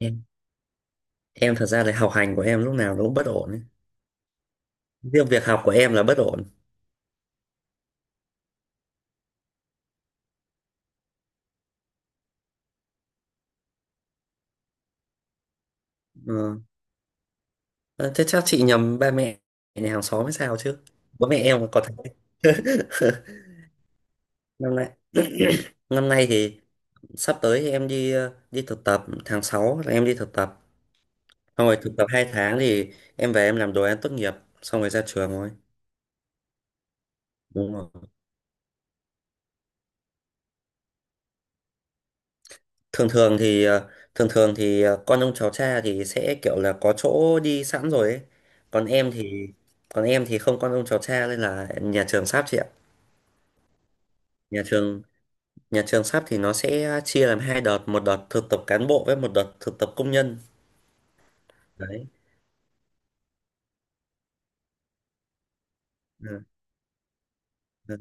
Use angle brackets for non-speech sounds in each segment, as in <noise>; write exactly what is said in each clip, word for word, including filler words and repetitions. em em thật ra là học hành của em lúc nào nó cũng bất ổn ấy. Riêng việc học của em là bất ổn. Ừ. Ờ, Thế chắc chị nhầm ba mẹ nhà hàng xóm hay sao chứ. Bố mẹ em có thấy. <laughs> Năm nay <clears throat> <coughs> năm nay thì sắp tới thì em đi ờ, đi thực tập tháng sáu là em đi thực tập, xong rồi thực tập hai tháng thì em về em làm đồ án tốt nghiệp, xong rồi ra trường thôi. Đúng rồi. Thường thường thì ờ, thường thường thì ờ, con ông cháu cha thì sẽ kiểu là có chỗ đi sẵn rồi ấy. Còn em thì, còn em thì không con ông cháu cha, nên là nhà trường sắp chị ạ. Nhà trường nhà trường sắp thì nó sẽ chia làm hai đợt, một đợt thực tập cán bộ với một đợt thực tập công nhân. Đấy. Ừ. Ừ.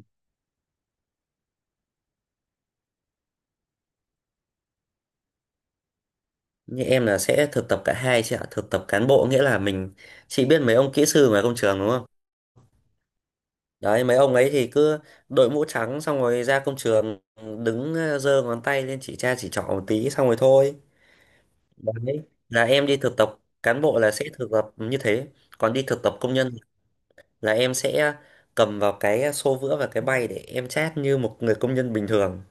Như em là sẽ thực tập cả hai chị ạ. Thực tập cán bộ nghĩa là mình. Chị biết mấy ông kỹ sư ngoài công trường đúng không? Đấy, mấy ông ấy thì cứ đội mũ trắng xong rồi ra công trường, đứng ờ, giơ ngón tay lên chỉ cha chỉ trỏ một tí xong rồi thôi. Đấy, là em đi thực tập cán bộ là sẽ thực tập như thế. Còn đi thực tập công nhân là em sẽ cầm vào cái xô vữa và cái bay để em chát như một người công nhân bình thường.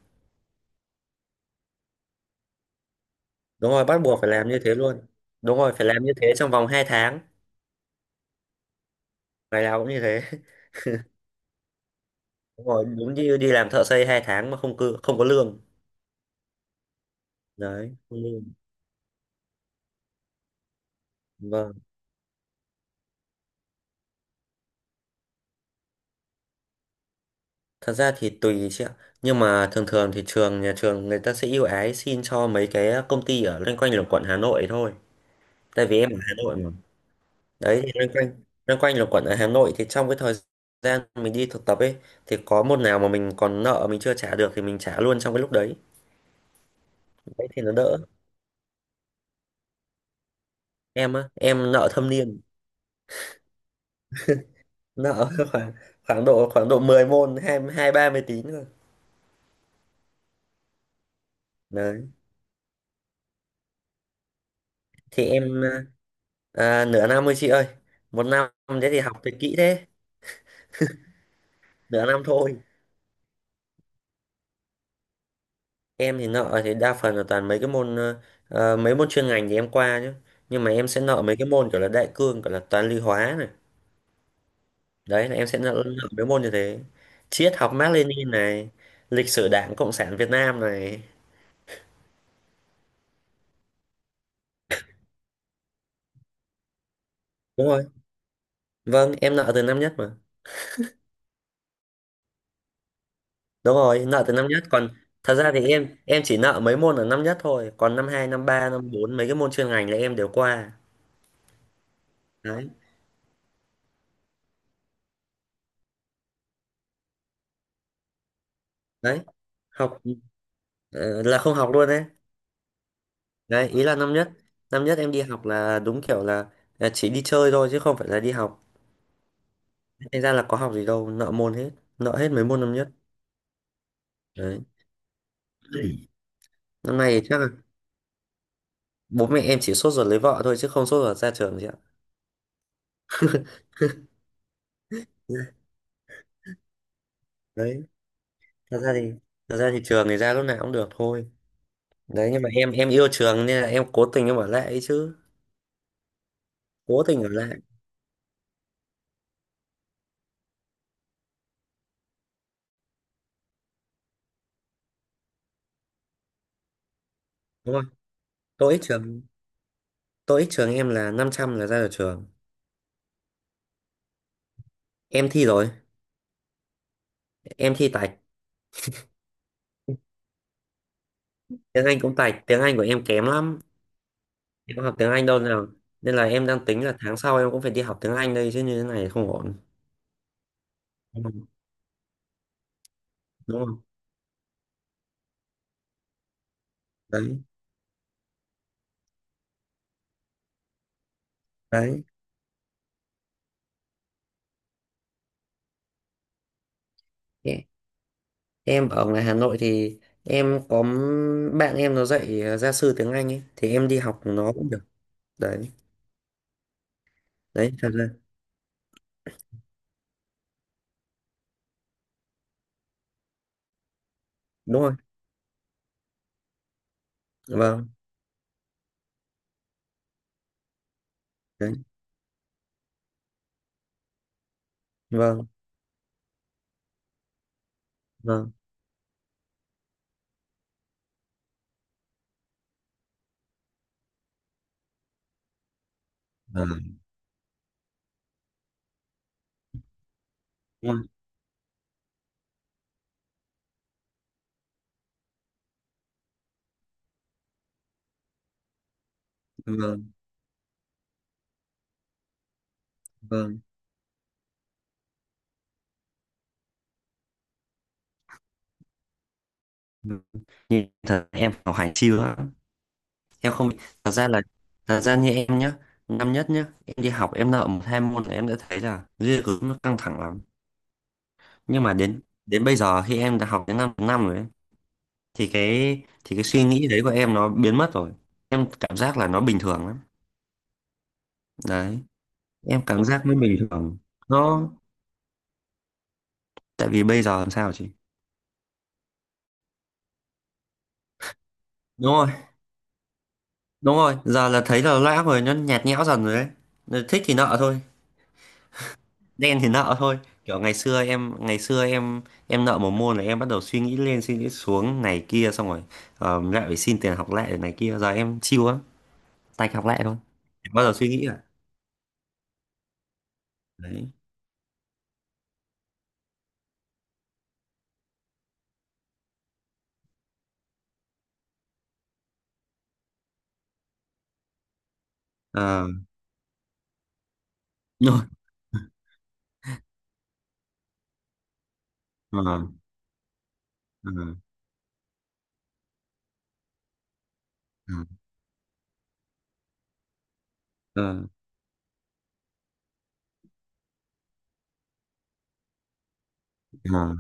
Đúng rồi, bắt buộc phải làm như thế luôn. Đúng rồi, phải làm như thế trong vòng hai tháng. Ngày nào cũng như thế. <laughs> Đúng rồi, đúng như đi làm thợ xây hai tháng mà không cư, không có lương. Đấy, không lương. Vâng. Thật ra thì tùy chị ạ. Nhưng mà thường thường thì trường, nhà trường người ta sẽ ưu ái xin cho mấy cái công ty ở loanh quanh là quận Hà Nội thôi. Tại vì em ở Hà Nội mà. Đấy thì loanh quanh loanh quanh là quẩn ở Hà Nội, thì trong cái thời gian mình đi thực tập ấy thì có môn nào mà mình còn nợ mình chưa trả được thì mình trả luôn trong cái lúc đấy. Đấy thì nó đỡ. Em á, em nợ thâm niên. Nợ <laughs> khoảng khoảng độ khoảng độ mười môn, hai hai ba mươi tín rồi. Đấy thì em à, à, nửa năm thôi chị ơi. Một năm. Thế thì học thì kỹ thế, nửa năm thôi. Em thì nợ thì đa phần là toàn mấy cái môn, ờ, ờ, mấy môn chuyên ngành thì em qua chứ, nhưng mà em sẽ nợ mấy cái môn kiểu là đại cương, kiểu là toán lý hóa này. Đấy là em sẽ lựa lựa mấy môn như thế, triết học Mác Lênin này, lịch sử Đảng Cộng sản Việt Nam này. Đúng rồi. Vâng, em nợ từ năm nhất mà. Đúng rồi, nợ từ năm nhất còn. Thật ra thì em em chỉ nợ mấy môn ở năm nhất thôi, còn năm hai năm ba năm bốn mấy cái môn chuyên ngành là em đều qua. Đấy. Đấy, học ờ, là không học luôn đấy. Đấy, ý là năm nhất năm nhất em đi học là đúng kiểu là là chỉ đi chơi thôi chứ không phải là đi học. Thành ra là có học gì đâu, nợ môn hết, nợ hết mấy môn năm nhất. Đấy, năm nay thì chắc là bố mẹ em chỉ sốt ruột lấy vợ thôi chứ không sốt ruột ra trường chị ạ. Đấy, thật ra thì thật ra thì trường thì ra lúc nào cũng được thôi. Đấy, nhưng mà em em yêu trường nên là em cố tình em ở lại ấy chứ, cố tình ở lại. Đúng không? Tôi ít trường tôi ít trường em là năm trăm là ra được trường. Em thi rồi. Em thi tạch. Tiếng Anh cũng tạch. Tiếng Anh của em kém lắm. Em không học tiếng Anh đâu nào, nên là em đang tính là tháng sau em cũng phải đi học tiếng Anh đây chứ, như thế này không ổn. Đúng không Đúng không? Đấy. Đấy, em ở ngoài Hà Nội thì em có m- bạn em nó dạy ờ, gia sư tiếng Anh ấy thì em đi học nó cũng được. Đấy. Đấy. Thật ra. Đúng rồi. Vâng. Đấy. Vâng. Vâng. Vâng, vâng, vâng, vâng, vâng. Nhìn thật em học hành siêu lắm. Em không. thật ra là Thật ra như em nhá. Năm nhất nhá, em đi học em nợ một hai môn là em đã thấy là ghê gớm, nó căng thẳng lắm. Nhưng mà đến đến bây giờ khi em đã học đến năm năm rồi ấy, thì cái thì cái suy nghĩ đấy của em nó biến mất rồi. Em cảm giác là nó bình thường lắm. Đấy, em cảm giác nó bình thường. Nó. Tại vì bây giờ làm sao chị. Đúng rồi. Đúng rồi, giờ là thấy là lã rồi, nó nhạt nhẽo dần rồi đấy. Nên thích thì nợ thôi, đen thì nợ thôi. Kiểu ngày xưa em, ngày xưa em em nợ một môn là em bắt đầu suy nghĩ lên suy nghĩ xuống này kia, xong rồi ờ, lại phải xin tiền học lại này kia, giờ em chill lắm, tạch học lại thôi. Em bắt đầu suy nghĩ rồi. Đấy. Ờ, <laughs> đúng rồi. Ờ, ờ, ờ, ờ. Ờ,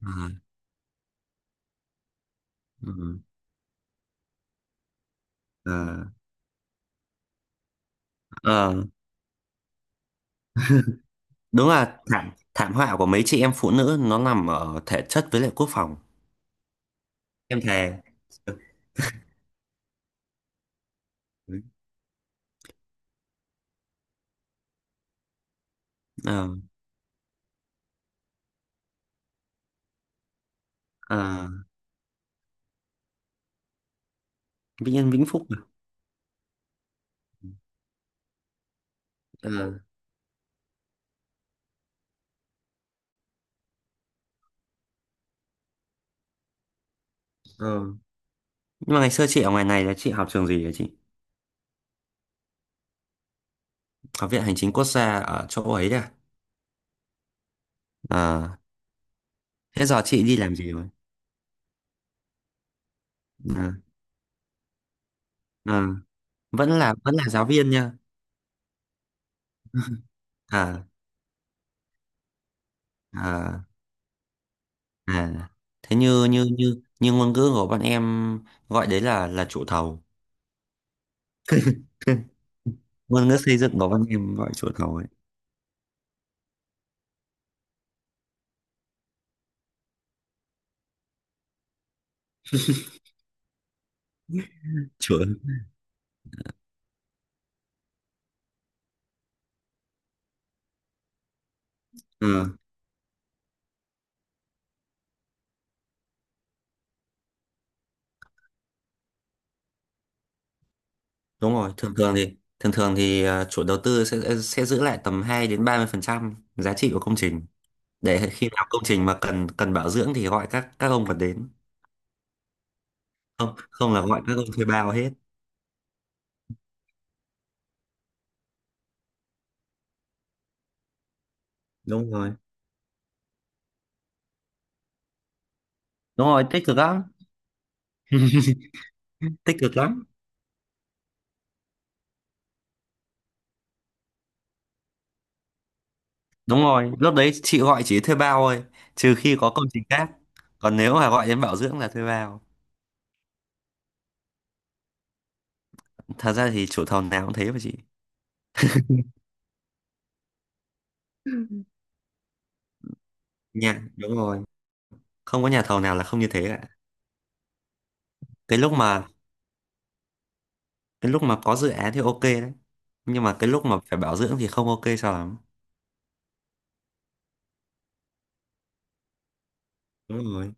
ờ, ờ, ờ, ờ, đúng là thảm thảm họa của mấy chị em phụ nữ nó nằm ở thể chất với lại quốc phòng. Em thề. ờ, ờ, Vĩnh Yên Vĩnh Phúc à? Ờ, ờ. Nhưng mà ngày xưa chị ở ngoài này là chị học trường gì hả chị? Học viện Hành chính Quốc gia ở chỗ ấy đấy à? ờ, Thế giờ chị đi làm gì rồi? ờ, ờ, vẫn là vẫn là giáo viên nha. <laughs> à, à, à, thế như như như như ngôn ngữ của bọn em gọi đấy là là chủ thầu. <laughs> ngôn ngữ xây dựng có văn em gọi chủ thầu ấy. Chủ. Ừ, đúng rồi. Thường thường thì thường thường thì à, chủ đầu tư sẽ sẽ giữ lại tầm hai đến ba mươi phần trăm giá trị của công trình. Để khi nào công trình mà cần cần bảo dưỡng thì gọi các các ông còn đến. Không không, là gọi các ông thuê bao hết. Đúng rồi. Đúng rồi, tích cực lắm. <laughs> Tích cực lắm. Đúng rồi, lúc đấy chị gọi chỉ thuê bao thôi. Trừ khi có công trình khác, còn nếu mà gọi đến bảo dưỡng là thuê bao. Thật ra thì chủ thầu nào cũng thế mà chị. Nhà. Đúng rồi, không có nhà thầu nào là không như thế cả. cái lúc mà cái lúc mà có dự án thì ok đấy, nhưng mà cái lúc mà phải bảo dưỡng thì không ok sao lắm. Đúng rồi.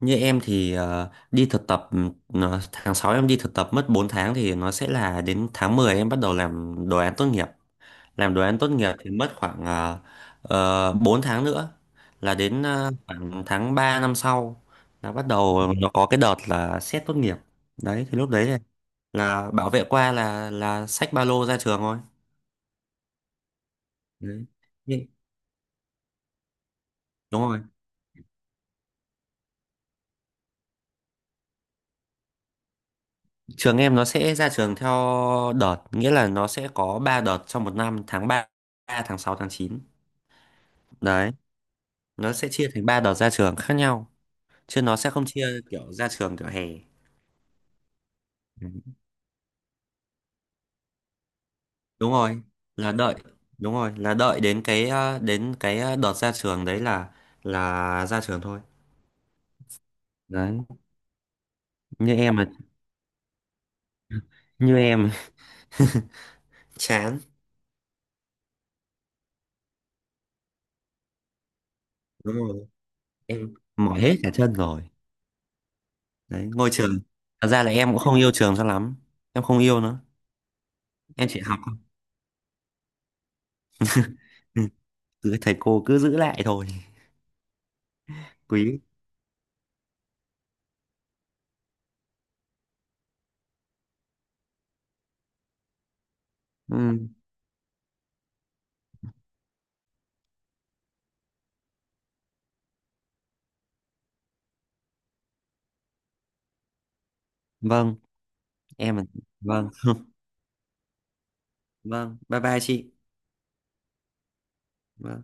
Như em thì ờ, đi thực tập, ừ, nó- tháng sáu em đi thực tập mất bốn tháng, thì nó sẽ là đến tháng mười em bắt đầu làm đồ án tốt nghiệp. Làm đồ án tốt nghiệp thì mất khoảng uh, bốn tháng nữa, là đến ờ, khoảng tháng ba năm sau là bắt đầu nó có cái đợt là xét tốt nghiệp. Đấy thì lúc đấy là, là bảo vệ qua là là xách ba lô ra trường thôi. Đấy. Nhưng- đúng rồi. Trường em nó sẽ ra trường theo đợt, nghĩa là nó sẽ có ba đợt trong một năm, tháng ba, tháng sáu, tháng chín. Đấy, nó sẽ chia thành ba đợt ra trường khác nhau, chứ nó sẽ không chia kiểu ra trường kiểu hè. Ừ. Đúng rồi, là đợi, đúng rồi, là đợi đến cái ờ, đến cái ờ, đợt ra trường đấy là là ra trường thôi. Đấy, như em mà, như em <laughs> chán, đúng rồi. Em mỏi hết cả chân rồi. Đấy, ngôi trường. Thật ra là em cũng không yêu trường cho lắm. Em không yêu nữa, em chỉ học thôi. Ừ, cứ thầy cô cứ giữ lại thôi. Quý. Ừ. Vâng. Em. Vâng. Vâng. Bye bye chị. Vâng.